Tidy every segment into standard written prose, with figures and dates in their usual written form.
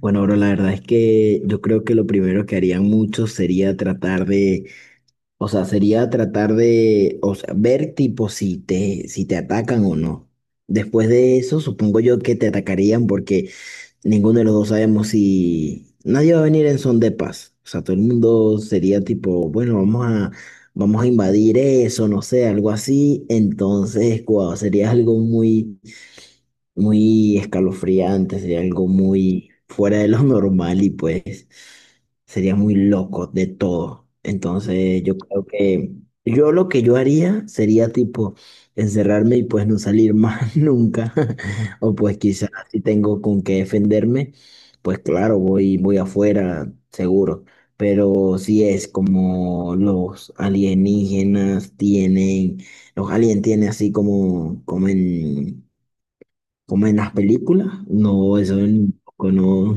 Bueno, bro, la verdad es que yo creo que lo primero que harían muchos sería tratar de, o sea, sería tratar de, o sea, ver tipo si te atacan o no. Después de eso, supongo yo que te atacarían porque ninguno de los dos sabemos si nadie va a venir en son de paz. O sea, todo el mundo sería tipo, bueno, vamos a invadir eso, no sé, algo así. Entonces, guau, sería algo muy escalofriante, sería algo muy fuera de lo normal y pues sería muy loco de todo. Entonces yo creo que yo lo que yo haría sería tipo encerrarme y pues no salir más nunca. O pues quizás si tengo con qué defenderme, pues claro, voy afuera, seguro. Pero si es como los aliens tienen así como en las películas, no, no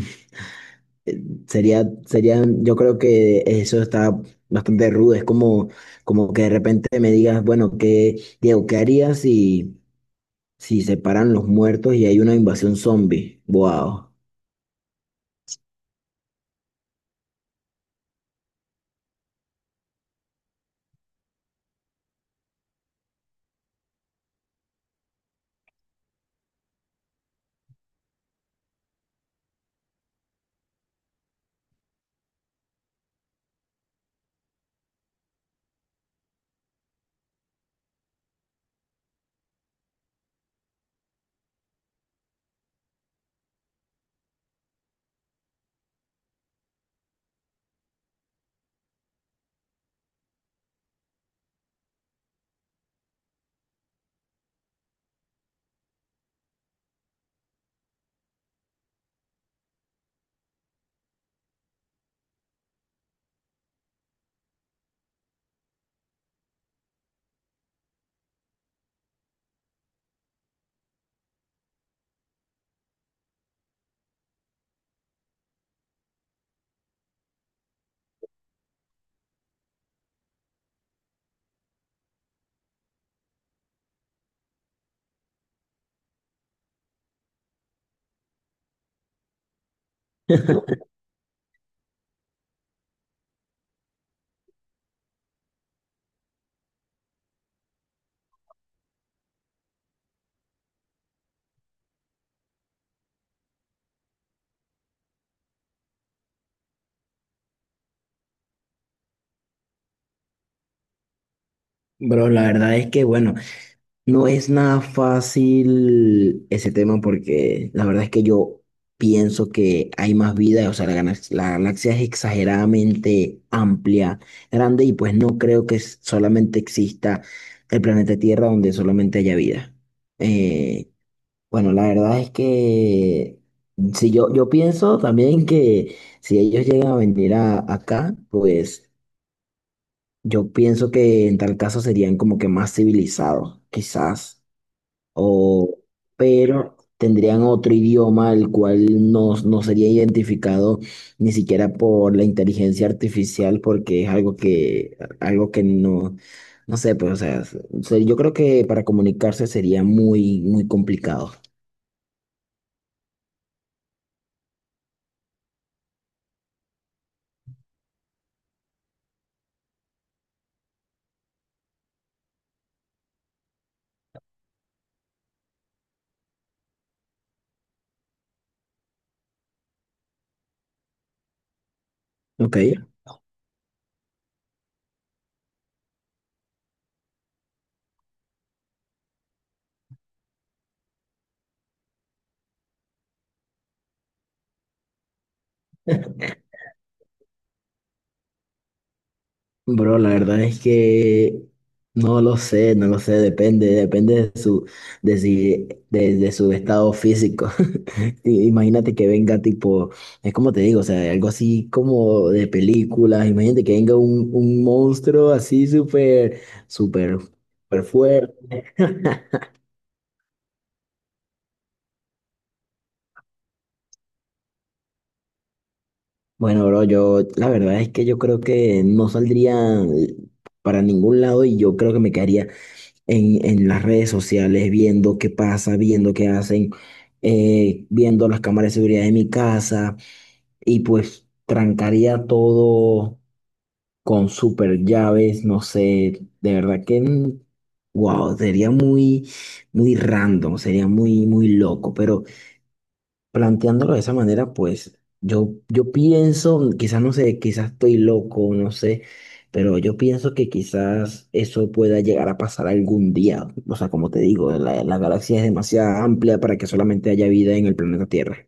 sería, yo creo que eso está bastante rudo, es como, como que de repente me digas, bueno, ¿Diego, qué harías si se paran los muertos y hay una invasión zombie? Wow. Bro, la verdad es que, bueno, no es nada fácil ese tema porque la verdad es que yo pienso que hay más vida, o sea, la galaxia es exageradamente amplia, grande y pues no creo que solamente exista el planeta Tierra donde solamente haya vida. Eh, bueno, la verdad es que si yo, yo pienso también que si ellos llegan a venir acá, pues yo pienso que en tal caso serían como que más civilizados, quizás o, pero tendrían otro idioma el cual no sería identificado ni siquiera por la inteligencia artificial porque es algo algo que no, no sé, pues, o sea, yo creo que para comunicarse sería muy complicado. Ok. Bro, la verdad es que no lo sé, no lo sé, depende, depende de su, de si- de su estado físico. Sí, imagínate que venga tipo, es como te digo, o sea, algo así como de películas, imagínate que venga un monstruo así súper fuerte. Bueno, bro, yo la verdad es que yo creo que no saldría para ningún lado y yo creo que me quedaría en las redes sociales viendo qué pasa, viendo qué hacen, viendo las cámaras de seguridad de mi casa y pues trancaría todo con super llaves, no sé, de verdad que, wow, sería muy random, sería muy loco, pero planteándolo de esa manera, pues yo pienso, quizás no sé, quizás estoy loco, no sé, pero yo pienso que quizás eso pueda llegar a pasar algún día, o sea, como te digo, la galaxia es demasiado amplia para que solamente haya vida en el planeta Tierra.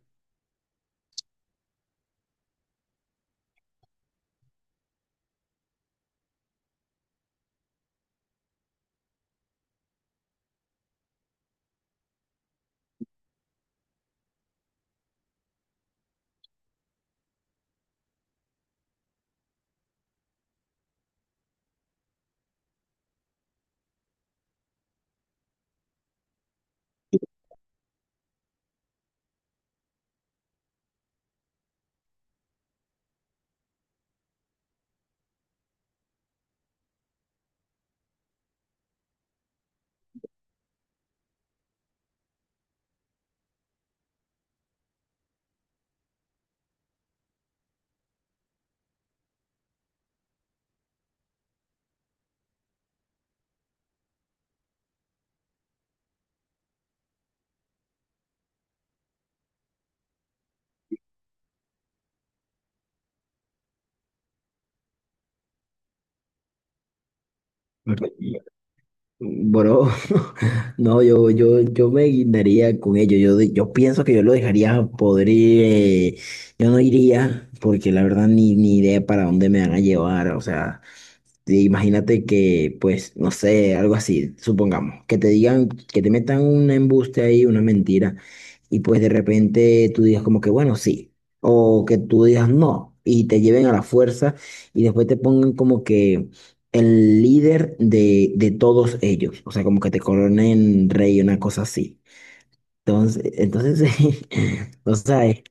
Ok. Bro, no, yo me guindaría con ello. Yo pienso que yo lo dejaría podrir. Yo no iría, porque la verdad ni idea para dónde me van a llevar. O sea, sí, imagínate que, pues, no sé, algo así, supongamos, que te metan un embuste ahí, una mentira, y pues de repente tú digas como que, bueno, sí, o que tú digas no, y te lleven a la fuerza, y después te pongan como que el líder de todos ellos, o sea, como que te coronen rey, una cosa así. Entonces, o sea,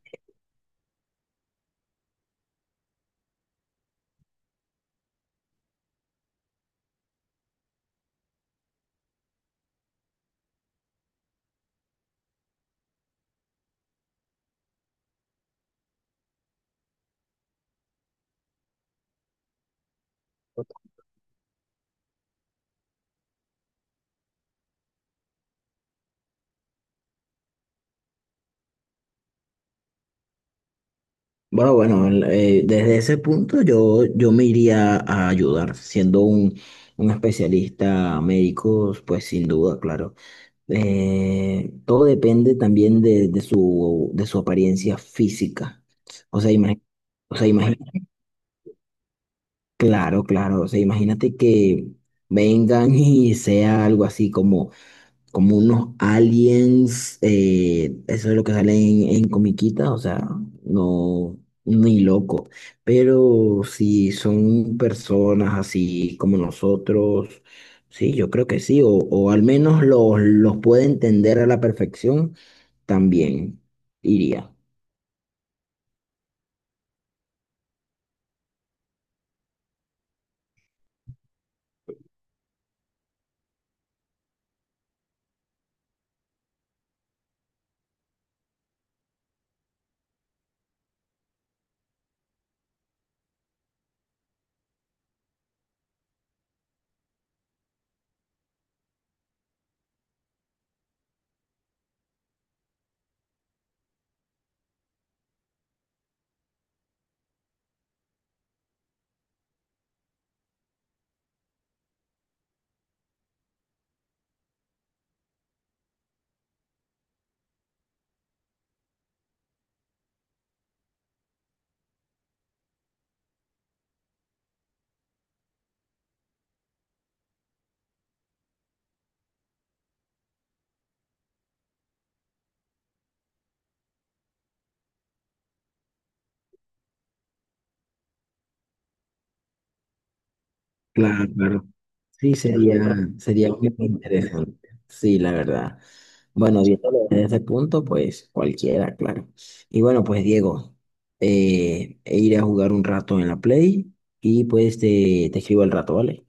bueno, desde ese punto yo me iría a ayudar, siendo un especialista médico, pues sin duda, claro. Todo depende también de su apariencia física. O sea, imagínate, o sea, imagi- claro, claro, o sea, imagínate que vengan y sea algo así como como unos aliens, eso es lo que sale en comiquita, o sea, no, ni loco, pero si son personas así como nosotros, sí, yo creo que sí, o al menos los puede entender a la perfección, también iría. Claro, claro. Sí, sería muy interesante. Sí, la verdad. Bueno, viéndolo desde ese punto, pues cualquiera, claro. Y bueno, pues Diego, e iré a jugar un rato en la Play y pues te escribo al rato, ¿vale?